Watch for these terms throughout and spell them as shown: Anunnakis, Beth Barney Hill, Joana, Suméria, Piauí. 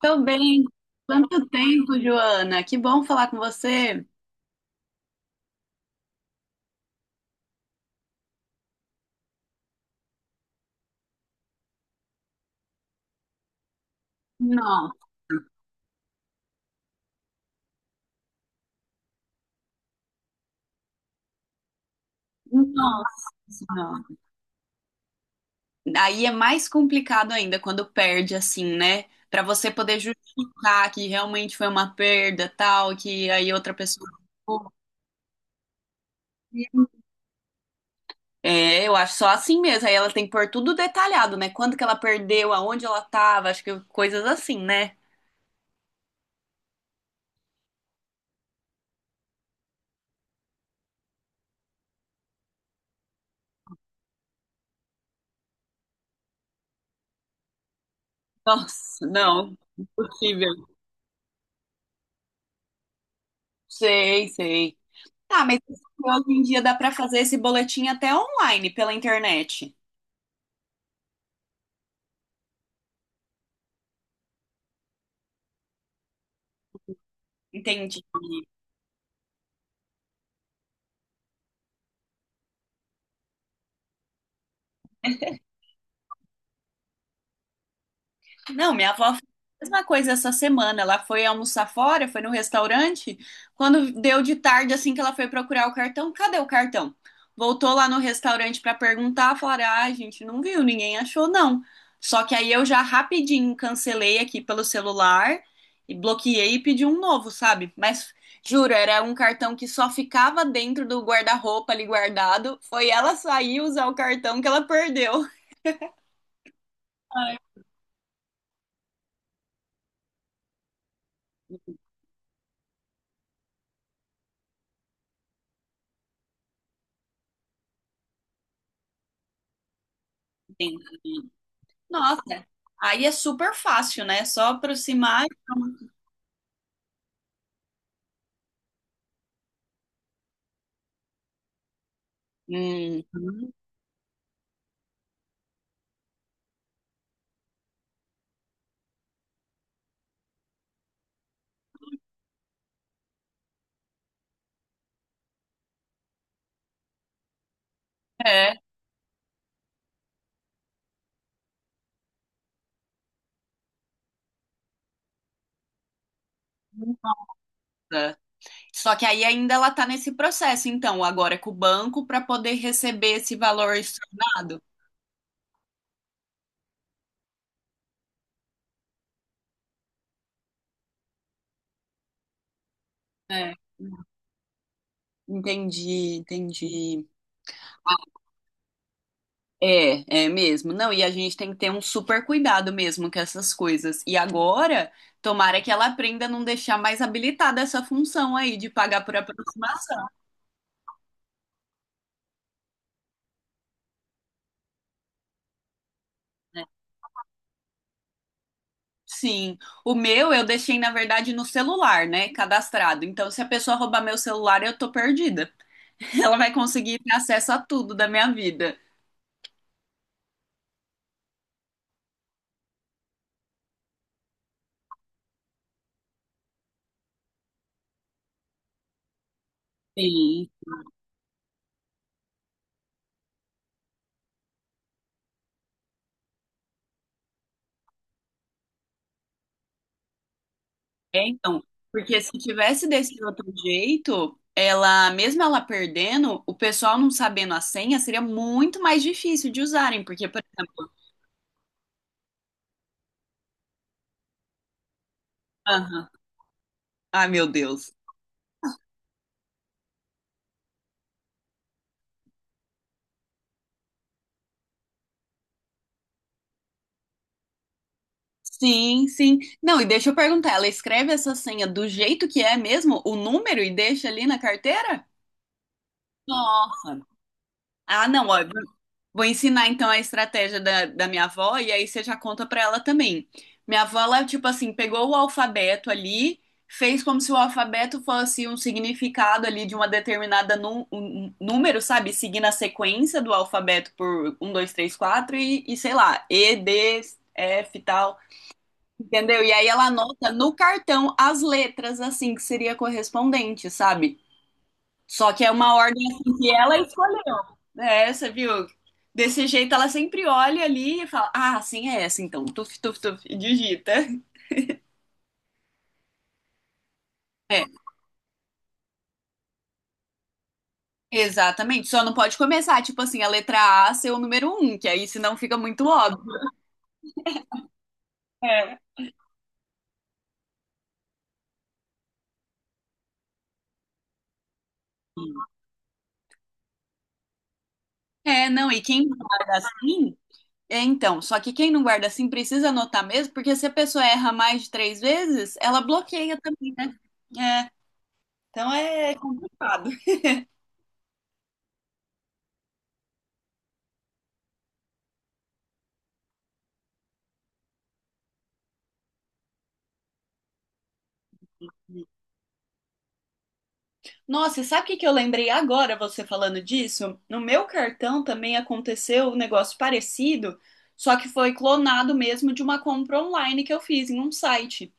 Tô bem. Quanto tempo, Joana? Que bom falar com você. Nossa, nossa. Senhora. Aí é mais complicado ainda quando perde assim, né? Pra você poder justificar que realmente foi uma perda, tal, que aí outra pessoa. É, eu acho só assim mesmo. Aí ela tem que pôr tudo detalhado, né? Quando que ela perdeu, aonde ela tava, acho que coisas assim, né? Nossa, não, impossível. Sei, sei. Ah, mas hoje em dia dá para fazer esse boletim até online, pela internet. Entende? Não, minha avó fez a mesma coisa essa semana. Ela foi almoçar fora, foi no restaurante. Quando deu de tarde, assim que ela foi procurar o cartão, cadê o cartão? Voltou lá no restaurante para perguntar, falaram: ah, a gente não viu, ninguém achou, não. Só que aí eu já rapidinho cancelei aqui pelo celular e bloqueei e pedi um novo, sabe? Mas juro, era um cartão que só ficava dentro do guarda-roupa ali guardado. Foi ela sair e usar o cartão que ela perdeu. Ai, gente. Nossa, aí é super fácil, né? Só aproximar. E pronto. Uhum. É. Nossa. Só que aí ainda ela tá nesse processo, então, agora é com o banco para poder receber esse valor estornado. É. Entendi, entendi. Ah, é, é mesmo. Não, e a gente tem que ter um super cuidado mesmo com essas coisas. E agora, tomara que ela aprenda a não deixar mais habilitada essa função aí de pagar por aproximação. Sim, o meu eu deixei, na verdade, no celular, né? Cadastrado. Então, se a pessoa roubar meu celular, eu tô perdida. Ela vai conseguir ter acesso a tudo da minha vida. Sim, é, então. Porque se tivesse desse outro jeito, ela, mesmo ela perdendo, o pessoal não sabendo a senha, seria muito mais difícil de usarem. Porque, por exemplo. Aham. Ai, meu Deus. Sim, sim. Não, e deixa eu perguntar, ela escreve essa senha do jeito que é mesmo, o número, e deixa ali na carteira? Nossa. Ah, não, ó, eu vou ensinar então a estratégia da minha avó e aí você já conta pra ela também. Minha avó, ela, tipo assim, pegou o alfabeto ali, fez como se o alfabeto fosse um significado ali de uma determinada um número, sabe? Seguindo a sequência do alfabeto por um, dois, três, quatro e sei lá, E, D, F e tal, entendeu? E aí ela anota no cartão as letras, assim, que seria correspondente, sabe? Só que é uma ordem assim que ela escolheu. É, você viu? Desse jeito ela sempre olha ali e fala: ah, assim é essa, então. Tuf, tuf, tuf, e digita. É, exatamente. Só não pode começar, tipo assim, a letra A ser o número um, que aí senão fica muito óbvio. É. É, não, e quem não guarda assim. É, então, só que quem não guarda assim precisa anotar mesmo, porque se a pessoa erra mais de três vezes, ela bloqueia também, né? É, então é complicado. Nossa, e sabe o que que eu lembrei agora, você falando disso? No meu cartão também aconteceu um negócio parecido, só que foi clonado mesmo de uma compra online que eu fiz em um site.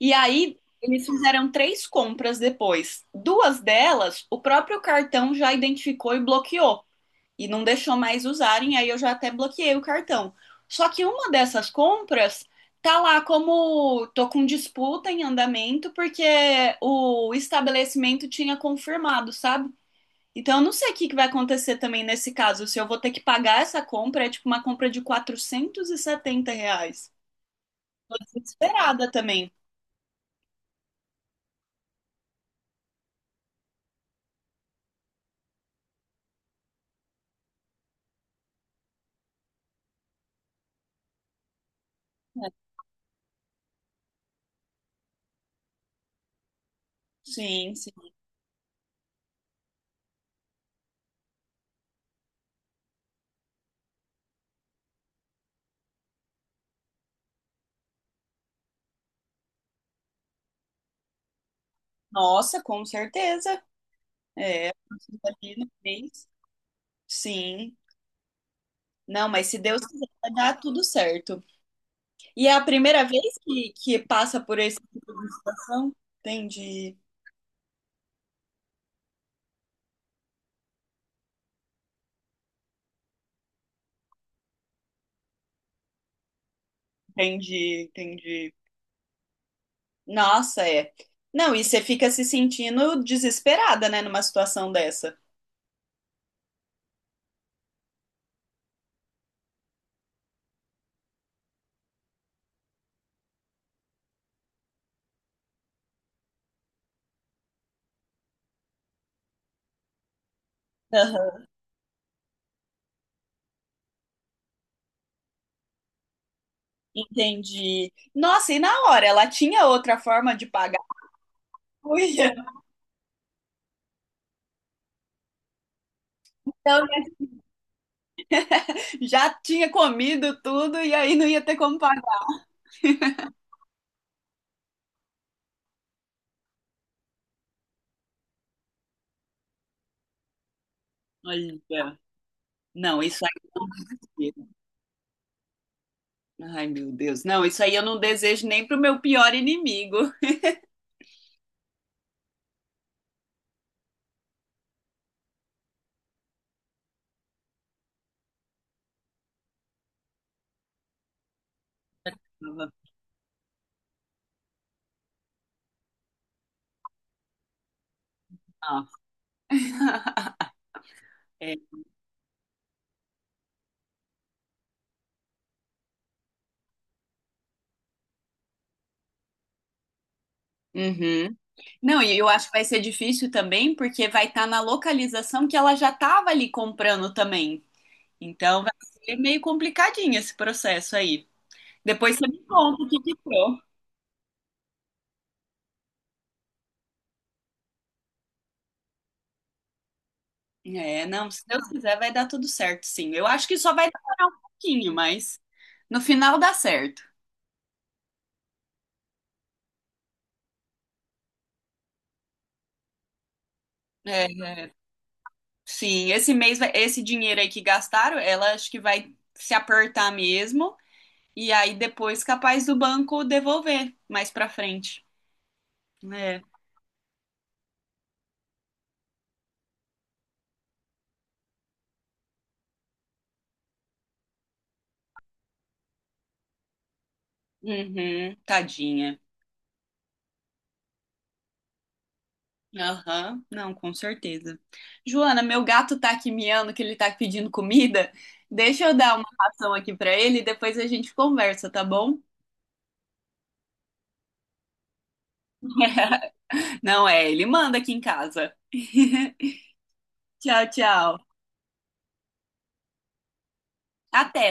E aí, eles fizeram três compras depois. Duas delas, o próprio cartão já identificou e bloqueou e não deixou mais usarem, aí eu já até bloqueei o cartão. Só que uma dessas compras tá lá como tô com disputa em andamento porque o estabelecimento tinha confirmado, sabe? Então eu não sei o que que vai acontecer também nesse caso, se eu vou ter que pagar essa compra, é tipo uma compra de R$ 470. Tô desesperada também. É, sim, sim. Nossa, com certeza. É, ali no mês. Sim. Não, mas se Deus quiser, vai dar tudo certo. E é a primeira vez que passa por esse som? Entendi, entendi. Nossa, é. Não, e você fica se sentindo desesperada, né, numa situação dessa. Aham, entendi. Nossa, e na hora, ela tinha outra forma de pagar? Uia, então, né, já tinha comido tudo e aí não ia ter como pagar. Olha, não, isso aí. Ai, meu Deus. Não, isso aí eu não desejo nem pro meu pior inimigo. Ah, é. Uhum. Não, e eu acho que vai ser difícil também, porque vai estar na localização que ela já estava ali comprando também. Então vai ser meio complicadinho esse processo aí. Depois você me conta o que que deu. É, não, se Deus quiser vai dar tudo certo, sim. Eu acho que só vai demorar um pouquinho, mas no final dá certo. É, é, sim, esse mês, vai- esse dinheiro aí que gastaram, ela acho que vai se apertar mesmo, e aí depois capaz do banco devolver mais pra frente. É. Uhum, tadinha. Aham, não, com certeza. Joana, meu gato tá aqui miando que ele tá pedindo comida. Deixa eu dar uma ração aqui pra ele e depois a gente conversa, tá bom? Não é, ele manda aqui em casa. Tchau, tchau. Até.